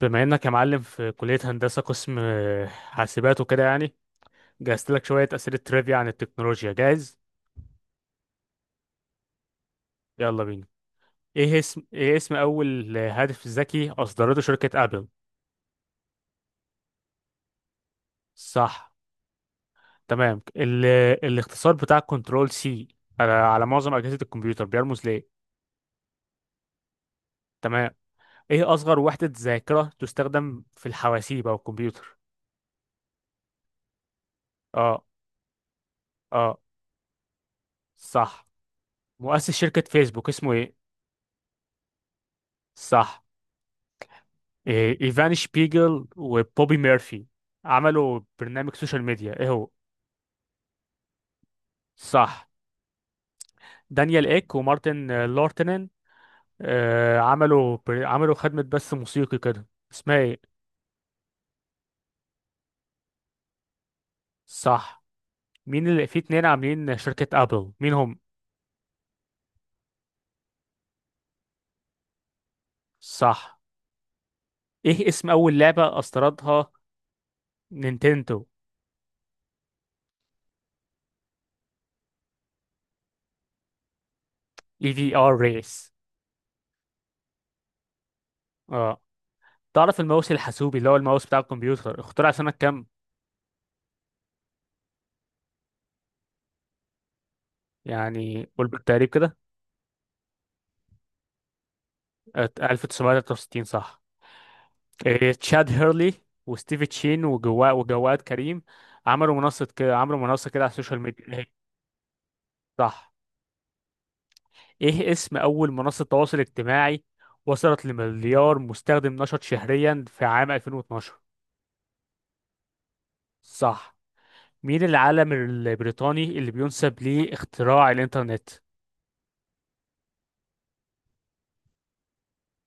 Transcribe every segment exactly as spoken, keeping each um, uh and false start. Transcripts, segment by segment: بما انك يا معلم في كلية هندسة قسم آه، حاسبات وكده يعني، جهزت لك شوية أسئلة ترivia عن التكنولوجيا. جاهز؟ يلا بينا. ايه اسم ايه اسم اول هاتف ذكي اصدرته شركة ابل؟ صح. تمام. ال... الاختصار بتاع كنترول سي على... على معظم أجهزة الكمبيوتر بيرمز ليه؟ تمام. ايه اصغر وحدة ذاكرة تستخدم في الحواسيب او الكمبيوتر؟ اه. اه. صح. مؤسس شركة فيسبوك اسمه ايه؟ صح. إيه، ايفان شبيجل وبوبي ميرفي عملوا برنامج سوشيال ميديا، ايه هو؟ صح. دانيال ايك ومارتن آه، لورتنن آه، عملوا بر- عملوا خدمة بث موسيقي كده، اسمها ايه؟ صح. مين اللي في اتنين عاملين شركة ابل، مين هم؟ صح. ايه اسم اول لعبة اصدرتها نينتندو؟ اي في ار ريس. اه. تعرف الماوس الحاسوبي، اللي هو الماوس بتاع الكمبيوتر، اخترع سنة كام؟ يعني قول بالتقريب كده. آه، ألف وتسعمية وتلاتة وستين، صح؟ إيه، تشاد هيرلي وستيفي تشين وجوا وجواد كريم عملوا منصة كده عملوا منصة كده على السوشيال ميديا، اللي هي؟ صح. ايه اسم اول منصة تواصل اجتماعي وصلت لمليار مستخدم نشط شهريا في عام ألفين واتناشر؟ صح. مين العالم البريطاني اللي بينسب ليه اختراع الانترنت؟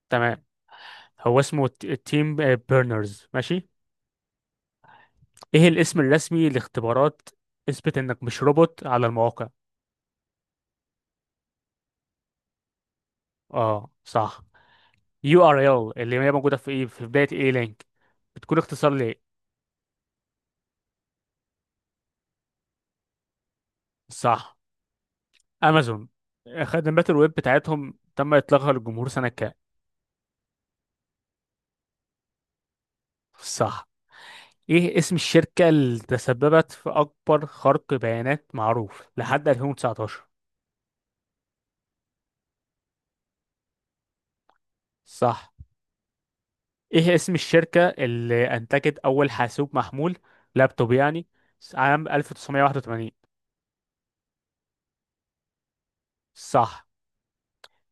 تمام. هو اسمه ت- تيم آه، بيرنرز. ماشي. ايه الاسم الرسمي لاختبارات اثبت انك مش روبوت على المواقع؟ اه، صح. يو ار ال، اللي هي موجوده في ايه، في بدايه ايه لينك، بتكون اختصار لايه؟ صح. امازون، خدمات الويب بتاعتهم تم اطلاقها للجمهور سنه كام؟ صح. ايه اسم الشركه اللي تسببت في اكبر خرق بيانات معروف لحد ألفين وتسعتاشر؟ صح. ايه اسم الشركه اللي انتجت اول حاسوب محمول، لابتوب يعني، عام ألف وتسعمية واحد وتمانين؟ صح.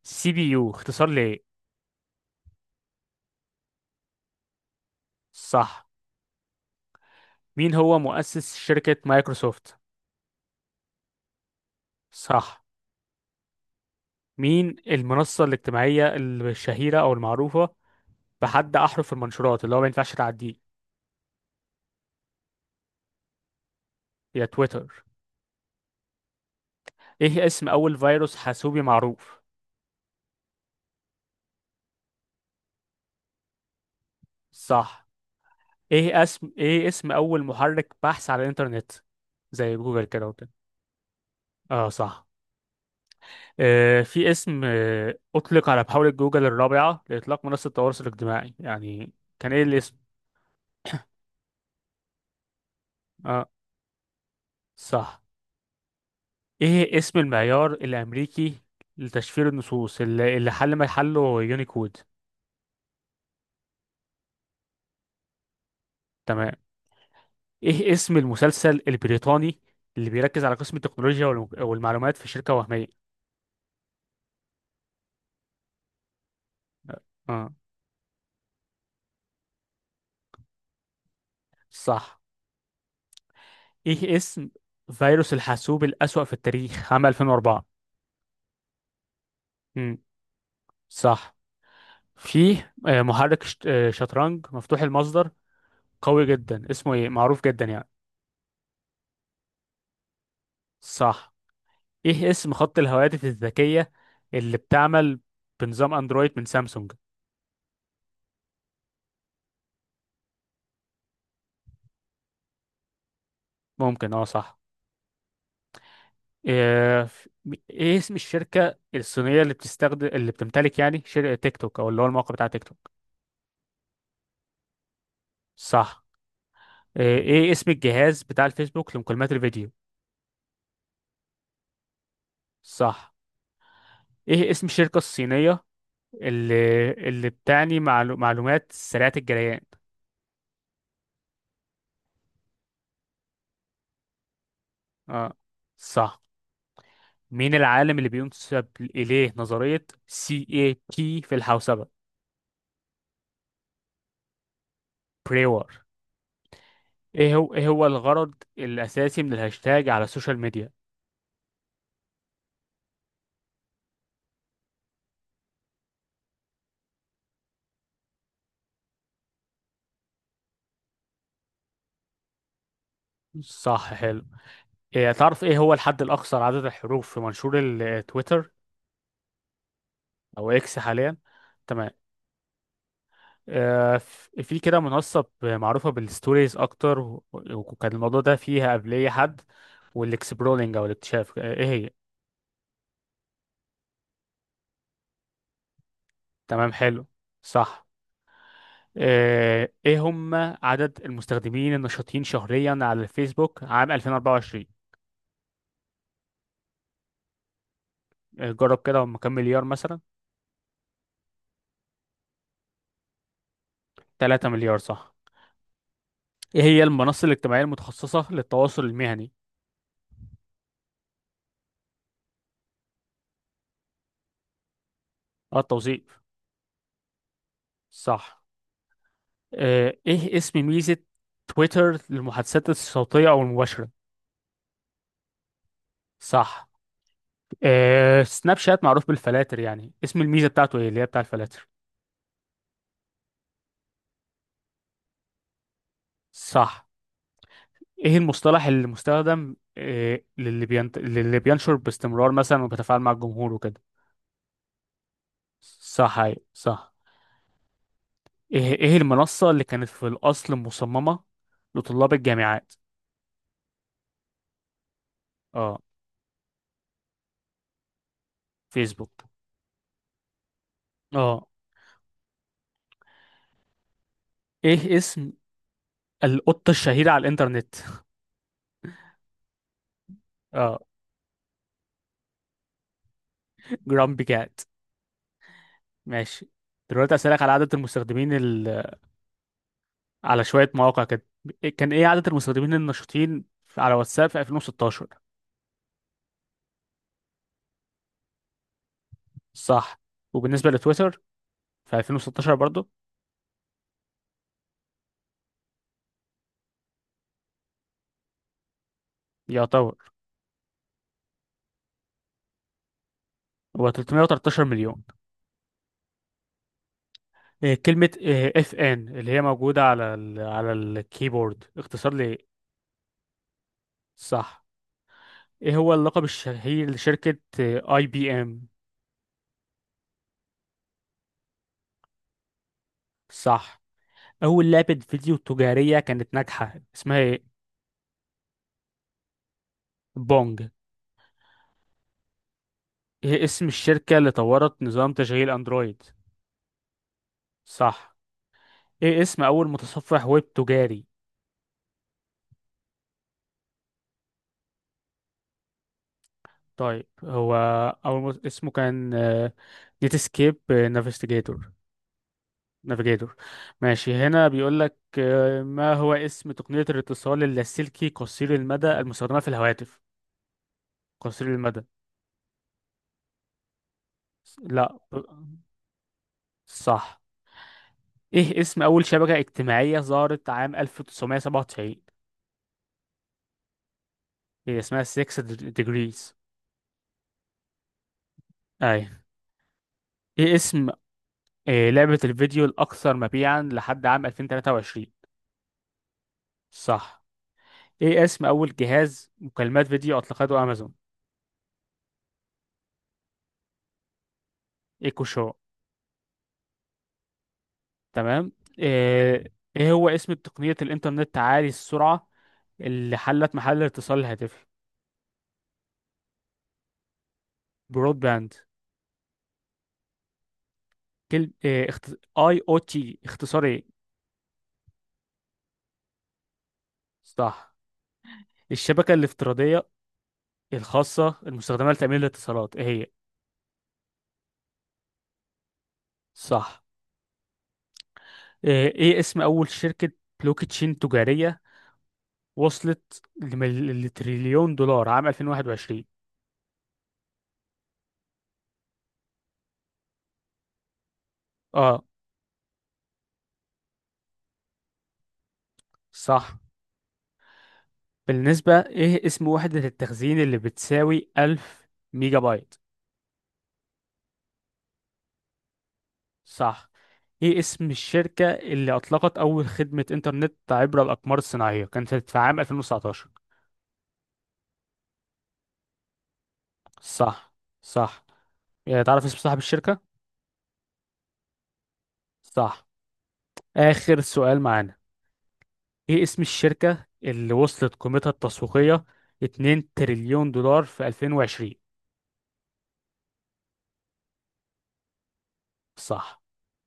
سي بي يو اختصار لايه؟ صح. مين هو مؤسس شركه مايكروسوفت؟ صح. مين المنصة الاجتماعية الشهيرة أو المعروفة بحد أحرف المنشورات اللي هو ما ينفعش تعديه؟ هي تويتر. إيه اسم أول فيروس حاسوبي معروف؟ صح. إيه اسم إيه اسم أول محرك بحث على الإنترنت، زي جوجل كده وكده؟ آه، صح. آه، في اسم آه أطلق على محاولة جوجل الرابعة لإطلاق منصة التواصل الاجتماعي، يعني كان إيه الاسم؟ آه، صح. إيه اسم المعيار الأمريكي لتشفير النصوص اللي, اللي حل ما يحله يونيكود؟ تمام. ايه اسم المسلسل البريطاني اللي بيركز على قسم التكنولوجيا والم- والمعلومات في شركة وهمية؟ اه. آه، صح. ايه اسم فيروس الحاسوب الأسوأ في التاريخ عام ألفين واربعة؟ امم صح. فيه آه، محرك شت- آه، شطرنج مفتوح المصدر قوي جدا، اسمه ايه؟ معروف جدا يعني. صح. ايه اسم خط الهواتف الذكية اللي بتعمل بنظام اندرويد من سامسونج؟ ممكن اه، صح. ايه إيه اسم الشركة الصينية اللي بتستخدم، اللي بتمتلك يعني شركة تيك توك او اللي هو الموقع بتاع تيك توك؟ صح. ايه إيه اسم الجهاز بتاع الفيسبوك لمكالمات الفيديو؟ صح. ايه اسم الشركة الصينية اللي اللي بتعني معلو... معلومات سريعة الجريان؟ اه، صح. مين العالم اللي بينسب إليه نظرية سي اي تي في الحوسبة؟ بريور. ايه هو ايه هو الغرض الأساسي من الهاشتاج على السوشيال ميديا؟ صح، حلو. إيه، تعرف ايه هو الحد الاقصر عدد الحروف في منشور التويتر او اكس حاليا؟ تمام. آه، ف- في كده منصه ب- معروفه بالستوريز اكتر و- وكان الموضوع ده فيها قبليه حد، والاكسبرولينج او الاكتشاف، آه، ايه هي؟ تمام، حلو. صح. آه، ايه هم عدد المستخدمين النشطين شهريا على الفيسبوك عام ألفين واربعة وعشرين؟ آه، جرب كده هم كام مليار مثلا؟ تلاتة مليار، صح. ايه هي المنصه الاجتماعيه المتخصصه للتواصل المهني؟ اه، التوظيف. صح. آه، ايه اسم ميزة تويتر للمحادثات الصوتية او المباشرة؟ صح. آه، سناب شات معروف بالفلاتر، يعني اسم الميزة بتاعته ايه اللي هي بتاع الفلاتر؟ صح. ايه المصطلح اللي مستخدم آه، للي بينت... للي بينشر باستمرار مثلا وبيتفاعل مع الجمهور وكده؟ صح، أيوة، صح. ايه ايه المنصة اللي كانت في الاصل مصممة لطلاب الجامعات؟ اه، فيسبوك. اه. ايه اسم القطة الشهيرة على الانترنت؟ اه. جرامبي كات. ماشي. دلوقتي أسألك على عدد المستخدمين ال... على شوية مواقع كده. كان إيه عدد المستخدمين النشطين في- على واتساب في ألفين وستاشر؟ صح. وبالنسبة لتويتر في ألفين وستاشر برضو؟ يعتبر. هو ثلاثمائة وثلاثة عشر مليون. إيه كلمة آه، اف ان اللي هي موجودة على ال... على الكيبورد اختصار لإيه؟ صح. إيه هو اللقب الشهير لشركة اي بي ام؟ صح. أول لعبة فيديو تجارية كانت ناجحة اسمها إيه؟ بونج. ايه اسم الشركة اللي طورت نظام تشغيل اندرويد؟ صح. ايه اسم اول متصفح ويب تجاري؟ طيب، هو اول مت... اسمه كان نيتسكيب نافيجيتور. نافيجيتور. ماشي. هنا بيقول لك آه، ما هو اسم تقنية الاتصال اللاسلكي قصير المدى المستخدمة في الهواتف، قصير المدى؟ لا ب- صح. ايه اسم اول شبكة اجتماعية ظهرت عام ألف وتسعمية وسبعة وتسعين؟ هي اسمها سيكس degrees. اي. ايه اسم إيه لعبة الفيديو الأكثر مبيعا لحد عام ألفين وتلاتة وعشرين؟ صح. إيه اسم أول جهاز مكالمات فيديو أطلقته أمازون؟ إيكو شو. تمام. إيه إيه هو اسم تقنية الإنترنت عالي السرعة اللي حلت محل الاتصال الهاتفي؟ برود باند. كلمة إيه اخت... اي او تي اختصار إيه؟ صح. الشبكة الافتراضية الخاصة المستخدمة لتأمين الاتصالات، إيه هي؟ صح. إيه, إيه اسم أول شركة بلوك تشين تجارية وصلت لمل- لتريليون دولار عام ألفين وواحد وعشرين؟ اه، صح. بالنسبة، ايه اسم وحدة التخزين اللي بتساوي ألف ميجا بايت؟ صح. ايه اسم الشركة اللي اطلقت اول خدمة انترنت عبر الاقمار الصناعية، كانت في عام ألفين وتسعتاشر؟ صح، صح. يعني تعرف اسم صاحب الشركة؟ صح. اخر سؤال معانا. ايه اسم الشركة اللي وصلت قيمتها التسويقية اتنين تريليون دولار في ألفين وعشرين؟ صح.